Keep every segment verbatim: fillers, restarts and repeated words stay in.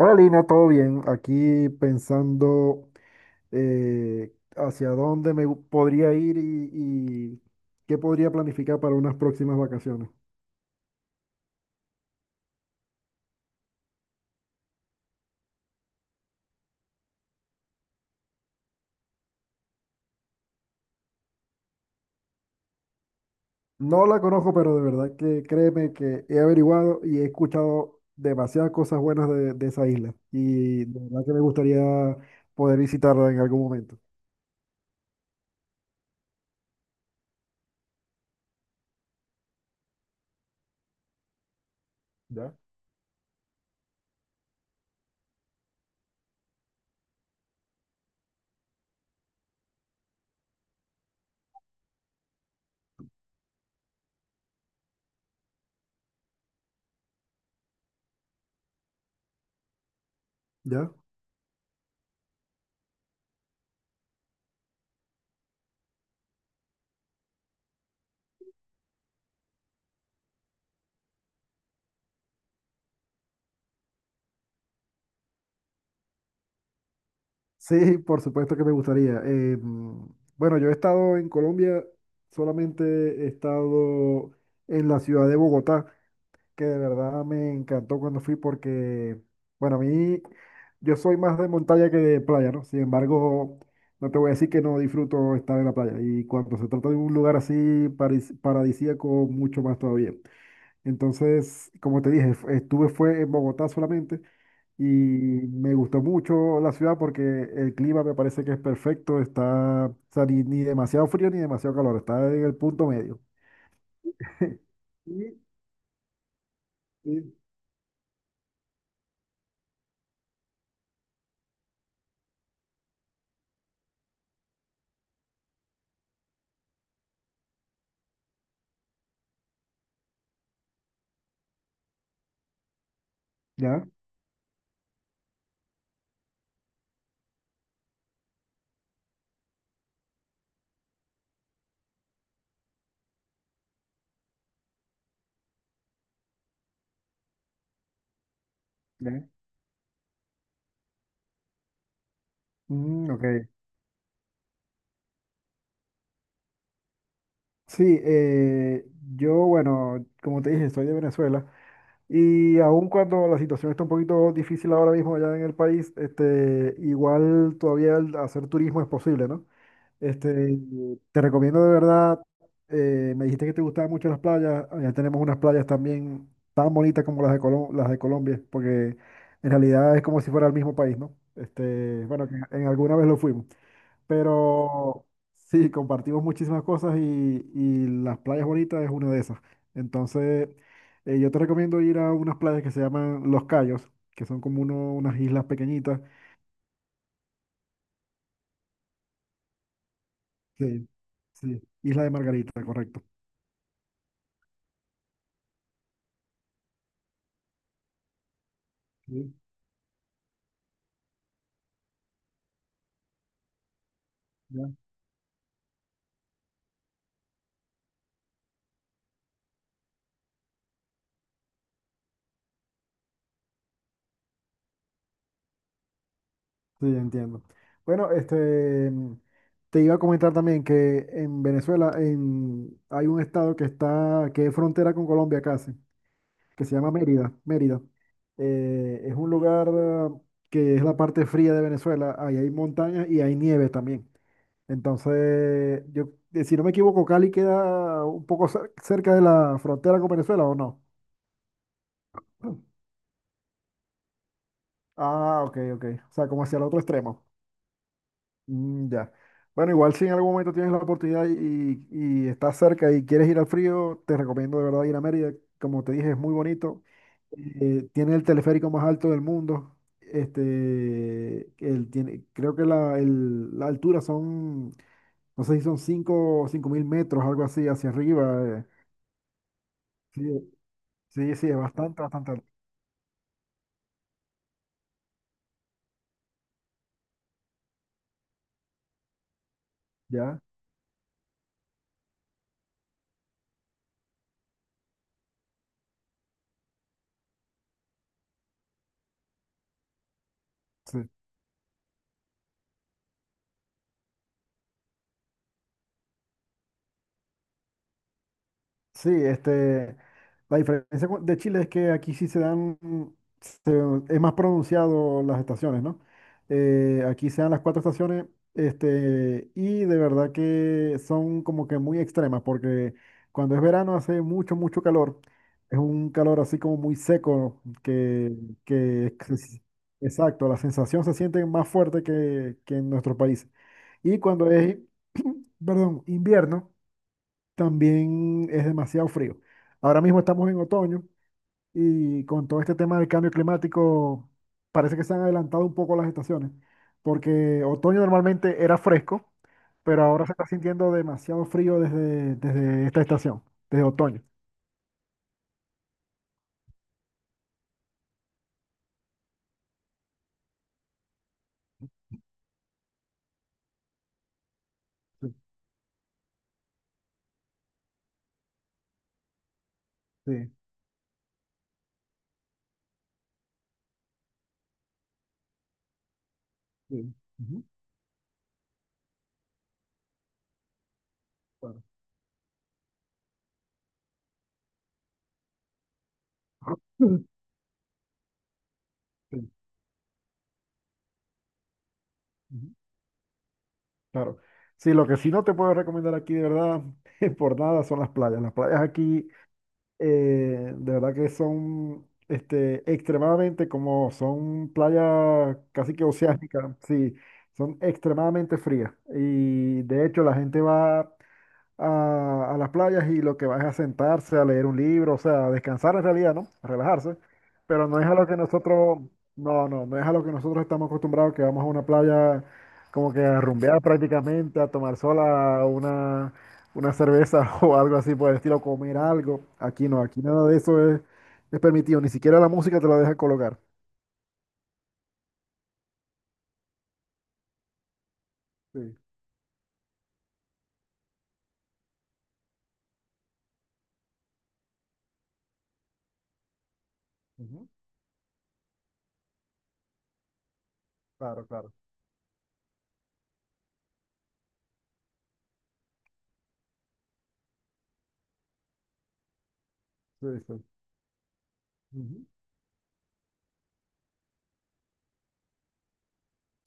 Hola Lina, ¿todo bien? Aquí pensando, eh, hacia dónde me gu- podría ir y, y qué podría planificar para unas próximas vacaciones. No la conozco, pero de verdad que créeme que he averiguado y he escuchado demasiadas cosas buenas de, de esa isla, y de verdad que me gustaría poder visitarla en algún momento. ¿Ya? ¿Ya? Sí, por supuesto que me gustaría. Eh, mm, bueno, yo he estado en Colombia, solamente he estado en la ciudad de Bogotá, que de verdad me encantó cuando fui porque, bueno, a mí yo soy más de montaña que de playa, ¿no? Sin embargo, no te voy a decir que no disfruto estar en la playa. Y cuando se trata de un lugar así paris- paradisíaco, mucho más todavía. Entonces, como te dije, f- estuve fue en Bogotá solamente. Y me gustó mucho la ciudad porque el clima me parece que es perfecto, está, o sea, ni, ni demasiado frío ni demasiado calor, está en el punto medio. Y- y- ¿Ya? ¿Ya? Mm, ok. Sí, eh, yo, bueno, como te dije, soy de Venezuela, y aun cuando la situación está un poquito difícil ahora mismo allá en el país, este, igual todavía el hacer turismo es posible, ¿no? Este, te recomiendo de verdad, eh, me dijiste que te gustaban mucho las playas. Allá tenemos unas playas también tan bonitas como las de Colom- las de Colombia, porque en realidad es como si fuera el mismo país, ¿no? Este, bueno, que en alguna vez lo fuimos, pero sí, compartimos muchísimas cosas, y, y las playas bonitas es una de esas. Entonces, eh, yo te recomiendo ir a unas playas que se llaman Los Cayos, que son como uno- unas islas pequeñitas. Sí, sí, Isla de Margarita, correcto. Sí, ya. Sí, entiendo. Bueno, este, mm, te iba a comentar también que en Venezuela en, hay un estado que está, que es frontera con Colombia casi, que se llama Mérida. Mérida. Eh, es un lugar ah, que es la parte fría de Venezuela. Ahí hay montañas y hay nieve también. Entonces, yo, eh, si no me equivoco, Cali queda un poco cer- cerca de la frontera con Venezuela, ¿o no? Ah, ok, ok. O sea, como hacia el otro extremo. Mm, ya. Bueno, igual si en algún momento tienes la oportunidad y, y estás cerca y quieres ir al frío, te recomiendo de verdad ir a Mérida. Como te dije, es muy bonito. Eh, tiene el teleférico más alto del mundo. Este, el tiene, creo que la, el- la altura son, no sé si son cinco o cinco mil metros, algo así, hacia arriba. eh. Sí, sí, sí, es bastante, bastante alto. ¿Ya? Sí. Sí, este, la diferencia con- de Chile es que aquí sí se dan, se- es más pronunciado las estaciones, ¿no? Eh, aquí se dan las cuatro estaciones, este, y de verdad que son como que muy extremas, porque cuando es verano hace mucho, mucho calor, es un calor así como muy seco, que, que es- exacto, la sensación se siente más fuerte que, que en nuestro país. Y cuando es, perdón, invierno, también es demasiado frío. Ahora mismo estamos en otoño, y con todo este tema del cambio climático parece que se han adelantado un poco las estaciones, porque otoño normalmente era fresco, pero ahora se está sintiendo demasiado frío desde, desde esta estación, desde otoño. Sí, sí, sí. Ujú, claro. Ujú. Sí, ujú, claro. Sí, lo que sí no te puedo recomendar aquí de verdad, por nada, son las playas. Las playas aquí, eh, de verdad que son, este, extremadamente, como son playas casi que oceánicas, sí, son extremadamente frías. Y de hecho la gente va a, a las playas, y lo que va es a sentarse, a leer un libro, o sea, a descansar en realidad, ¿no? A relajarse. Pero no es a lo que nosotros, no, no, no es a lo que nosotros estamos acostumbrados, que vamos a una playa como que a rumbear prácticamente, a tomar sola una, una cerveza o algo así por el estilo, comer algo. Aquí no, aquí nada de eso es, es permitido, ni siquiera la música te la deja colocar. Sí, ujú, claro, claro. Sí, sí. Ujú.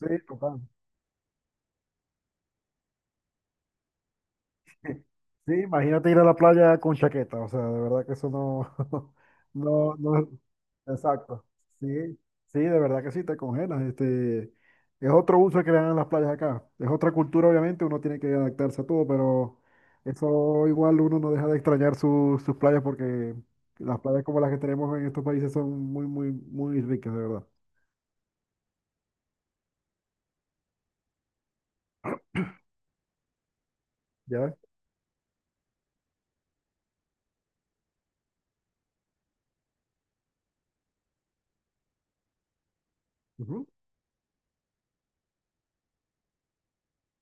Sí, total. Sí, imagínate ir a la playa con chaqueta, o sea, de verdad que eso no. No, no, exacto. Sí, sí, de verdad que sí, te congelas. Este, es otro uso que le dan a las playas acá. Es otra cultura, obviamente, uno tiene que adaptarse a todo, pero eso igual uno no deja de extrañar su- sus playas, porque las playas como las que tenemos en estos países son muy, muy, muy ricas, de verdad. ¿Ya ves? Ujú,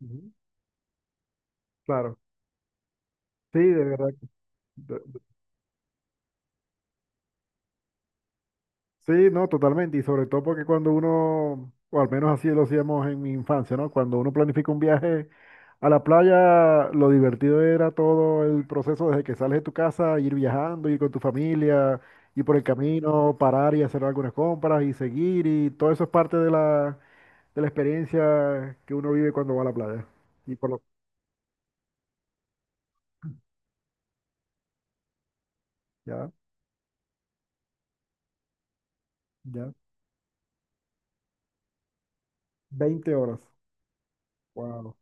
ujú. Claro. Sí, de verdad. Sí, no, totalmente. Y sobre todo porque cuando uno, o al menos así lo hacíamos en mi infancia, ¿no? Cuando uno planifica un viaje a la playa, lo divertido era todo el proceso desde que sales de tu casa, ir viajando, ir con tu familia, ir por el camino, parar y hacer algunas compras y seguir. Y todo eso es parte de la, de la experiencia que uno vive cuando va a la playa. Y por lo... Ya, ya. Veinte horas. Wow.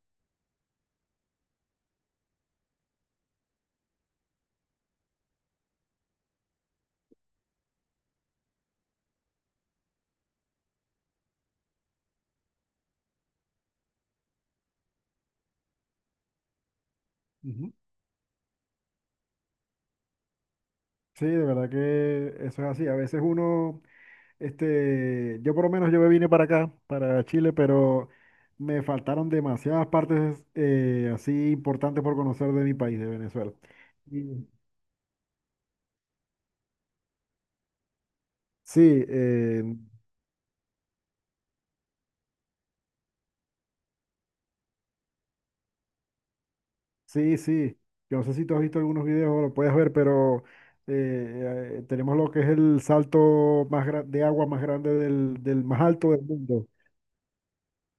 Ujú. Sí, de verdad que eso es así. A veces uno... Este, yo por lo menos, yo me vine para acá, para Chile, pero me faltaron demasiadas partes, eh, así importantes, por conocer de mi país, de Venezuela. Y- Sí, eh, sí, sí. Yo no sé si tú has visto algunos videos o lo puedes ver, pero eh, eh, tenemos lo que es el salto más gra- de agua más grande del, del más alto del mundo.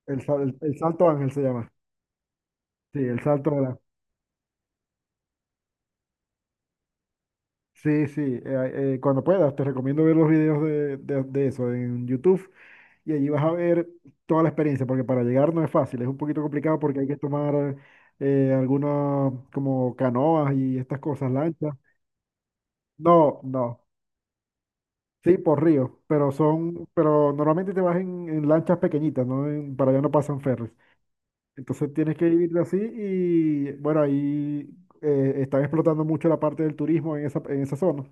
El, sal- el Salto Ángel se llama. Sí, el Salto Ángel. Sí, sí, eh, eh, cuando puedas, te recomiendo ver los videos de, de- de eso en YouTube, y allí vas a ver toda la experiencia, porque para llegar no es fácil, es un poquito complicado porque hay que tomar, eh, algunas como canoas y estas cosas, lanchas. No, no, sí, por río, pero son, pero normalmente te vas en, en lanchas pequeñitas, ¿no? En- para allá no pasan ferries. Entonces tienes que vivirlo así, y bueno, ahí eh, están explotando mucho la parte del turismo en esa, en esa zona.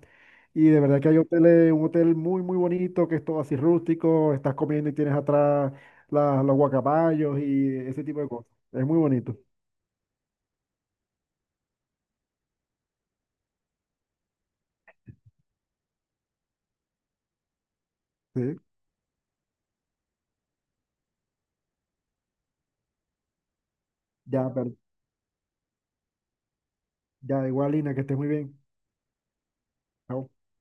Y de verdad que hay hoteles, un hotel muy, muy bonito, que es todo así rústico, estás comiendo y tienes atrás la- los guacamayos y ese tipo de cosas. Es muy bonito. Sí. Ya, pero ya igual, Lina, que estés muy bien. Chao.